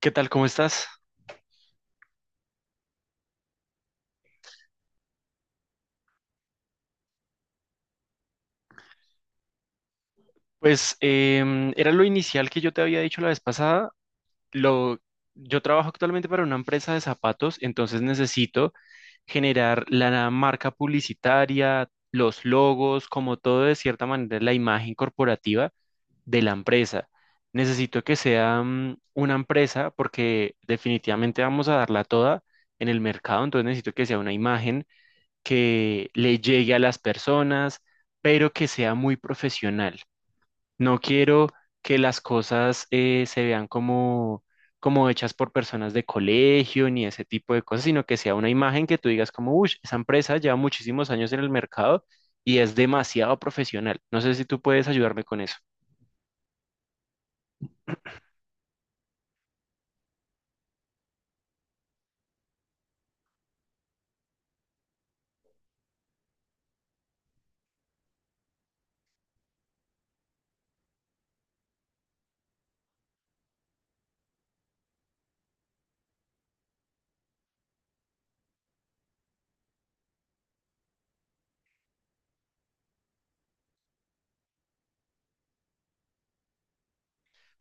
¿Qué tal? ¿Cómo estás? Pues era lo inicial que yo te había dicho la vez pasada. Lo, yo trabajo actualmente para una empresa de zapatos, entonces necesito generar la marca publicitaria, los logos, como todo de cierta manera, la imagen corporativa de la empresa. Necesito que sea una empresa porque definitivamente vamos a darla toda en el mercado, entonces necesito que sea una imagen que le llegue a las personas, pero que sea muy profesional. No quiero que las cosas se vean como hechas por personas de colegio ni ese tipo de cosas, sino que sea una imagen que tú digas como, uy, esa empresa lleva muchísimos años en el mercado y es demasiado profesional. No sé si tú puedes ayudarme con eso.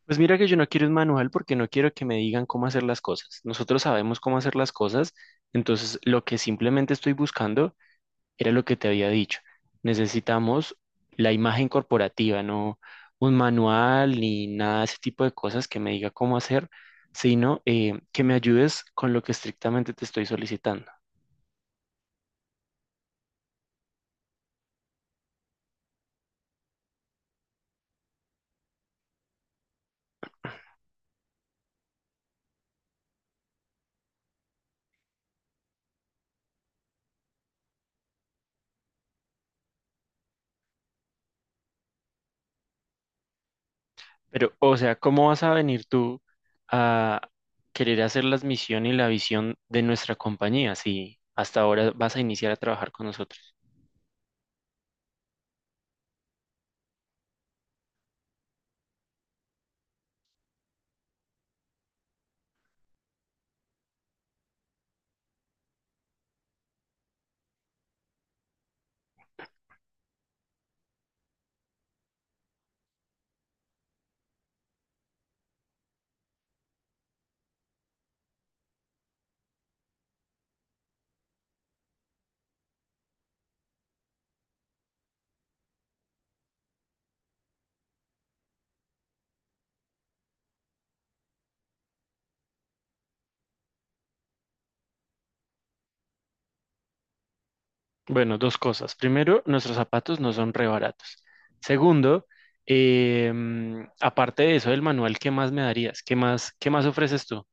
Pues mira que yo no quiero un manual porque no quiero que me digan cómo hacer las cosas. Nosotros sabemos cómo hacer las cosas, entonces lo que simplemente estoy buscando era lo que te había dicho. Necesitamos la imagen corporativa, no un manual ni nada de ese tipo de cosas que me diga cómo hacer, sino que me ayudes con lo que estrictamente te estoy solicitando. Pero, o sea, ¿cómo vas a venir tú a querer hacer las misiones y la visión de nuestra compañía si hasta ahora vas a iniciar a trabajar con nosotros? Bueno, dos cosas. Primero, nuestros zapatos no son re baratos. Segundo, aparte de eso del manual, ¿qué más me darías? Qué más ofreces tú?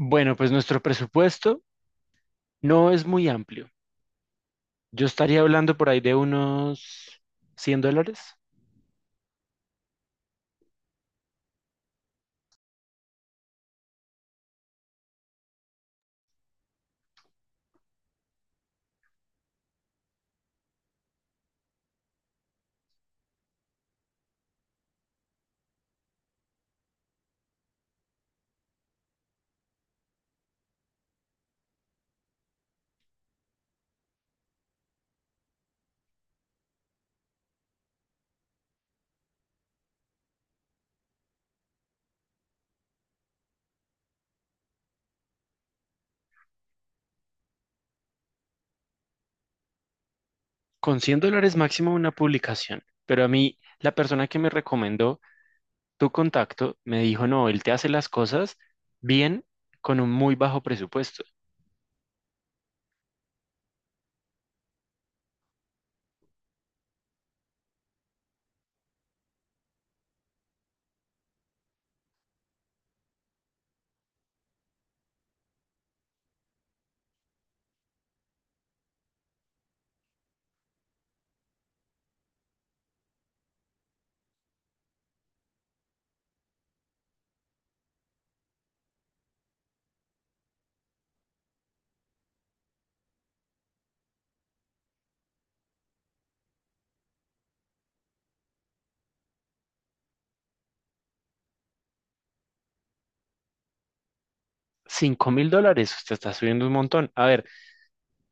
Bueno, pues nuestro presupuesto no es muy amplio. Yo estaría hablando por ahí de unos $100. Con $100 máximo una publicación. Pero a mí, la persona que me recomendó tu contacto me dijo, no, él te hace las cosas bien con un muy bajo presupuesto. $5.000, usted está subiendo un montón. A ver,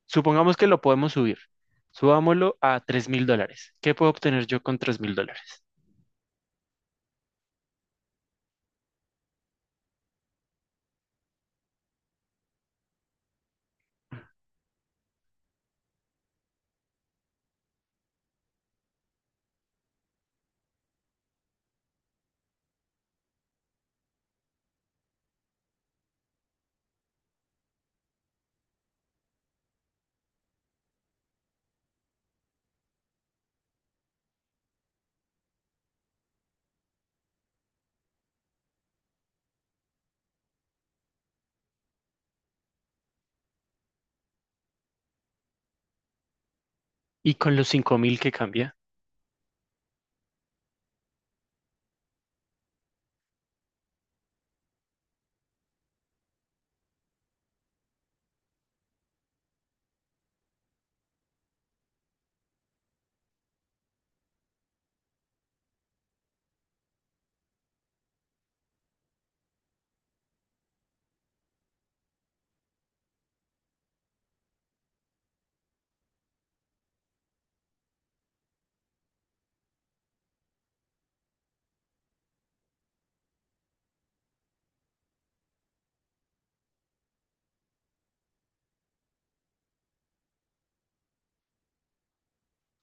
supongamos que lo podemos subir. Subámoslo a $3.000. ¿Qué puedo obtener yo con $3.000? ¿Y con los 5.000 que cambia?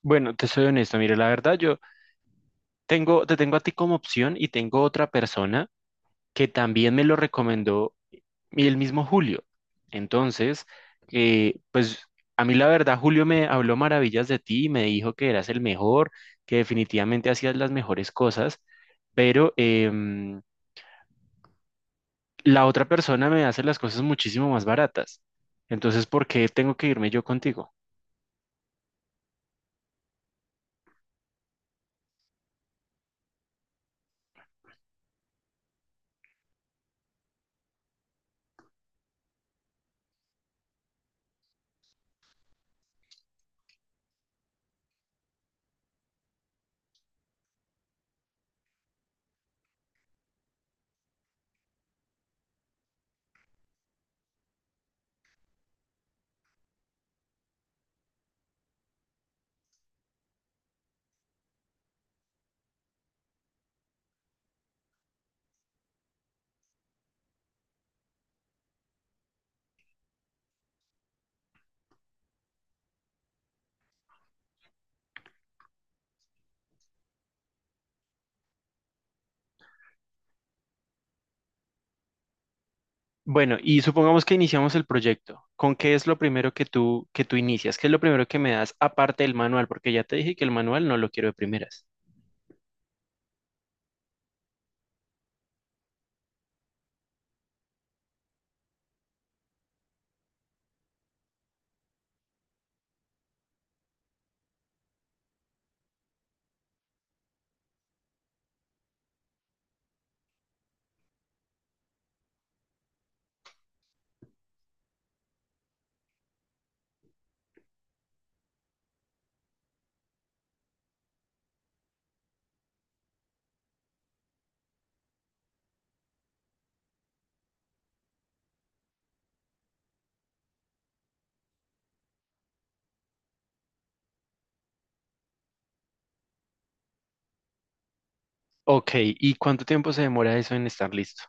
Bueno, te soy honesto, mire, la verdad yo tengo, te tengo a ti como opción y tengo otra persona que también me lo recomendó y el mismo Julio. Entonces, pues a mí la verdad Julio me habló maravillas de ti, y me dijo que eras el mejor, que definitivamente hacías las mejores cosas, pero la otra persona me hace las cosas muchísimo más baratas. Entonces, ¿por qué tengo que irme yo contigo? Bueno, y supongamos que iniciamos el proyecto. ¿Con qué es lo primero que tú inicias? ¿Qué es lo primero que me das aparte del manual? Porque ya te dije que el manual no lo quiero de primeras. Ok, ¿y cuánto tiempo se demora eso en estar listo?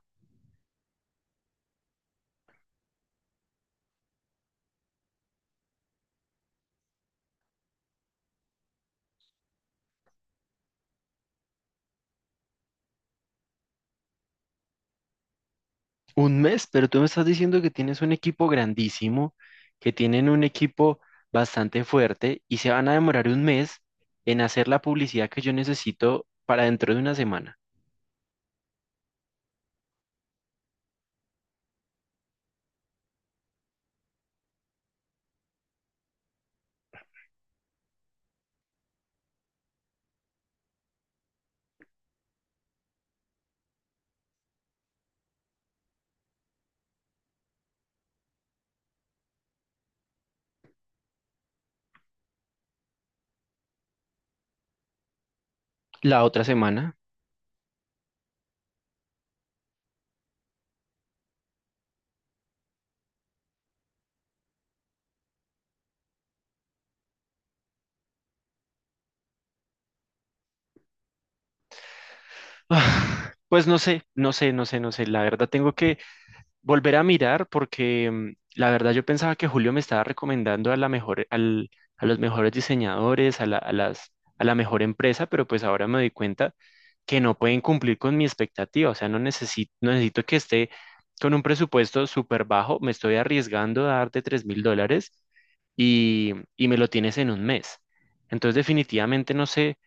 Un mes, pero tú me estás diciendo que tienes un equipo grandísimo, que tienen un equipo bastante fuerte y se van a demorar un mes en hacer la publicidad que yo necesito para dentro de una semana. La otra semana. Pues no sé, no sé, no sé, no sé. La verdad tengo que volver a mirar porque la verdad yo pensaba que Julio me estaba recomendando a la mejor, a los mejores diseñadores, a la mejor empresa, pero pues ahora me doy cuenta que no pueden cumplir con mi expectativa, o sea, no necesito, no necesito que esté con un presupuesto súper bajo, me estoy arriesgando a darte $3.000 y me lo tienes en un mes. Entonces definitivamente no sé,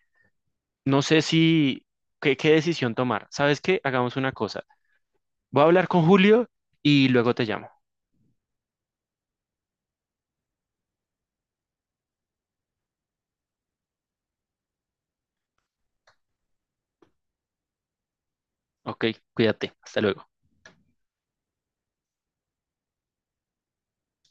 no sé si, qué decisión tomar. ¿Sabes qué? Hagamos una cosa. Voy a hablar con Julio y luego te llamo. Ok, cuídate. Hasta luego.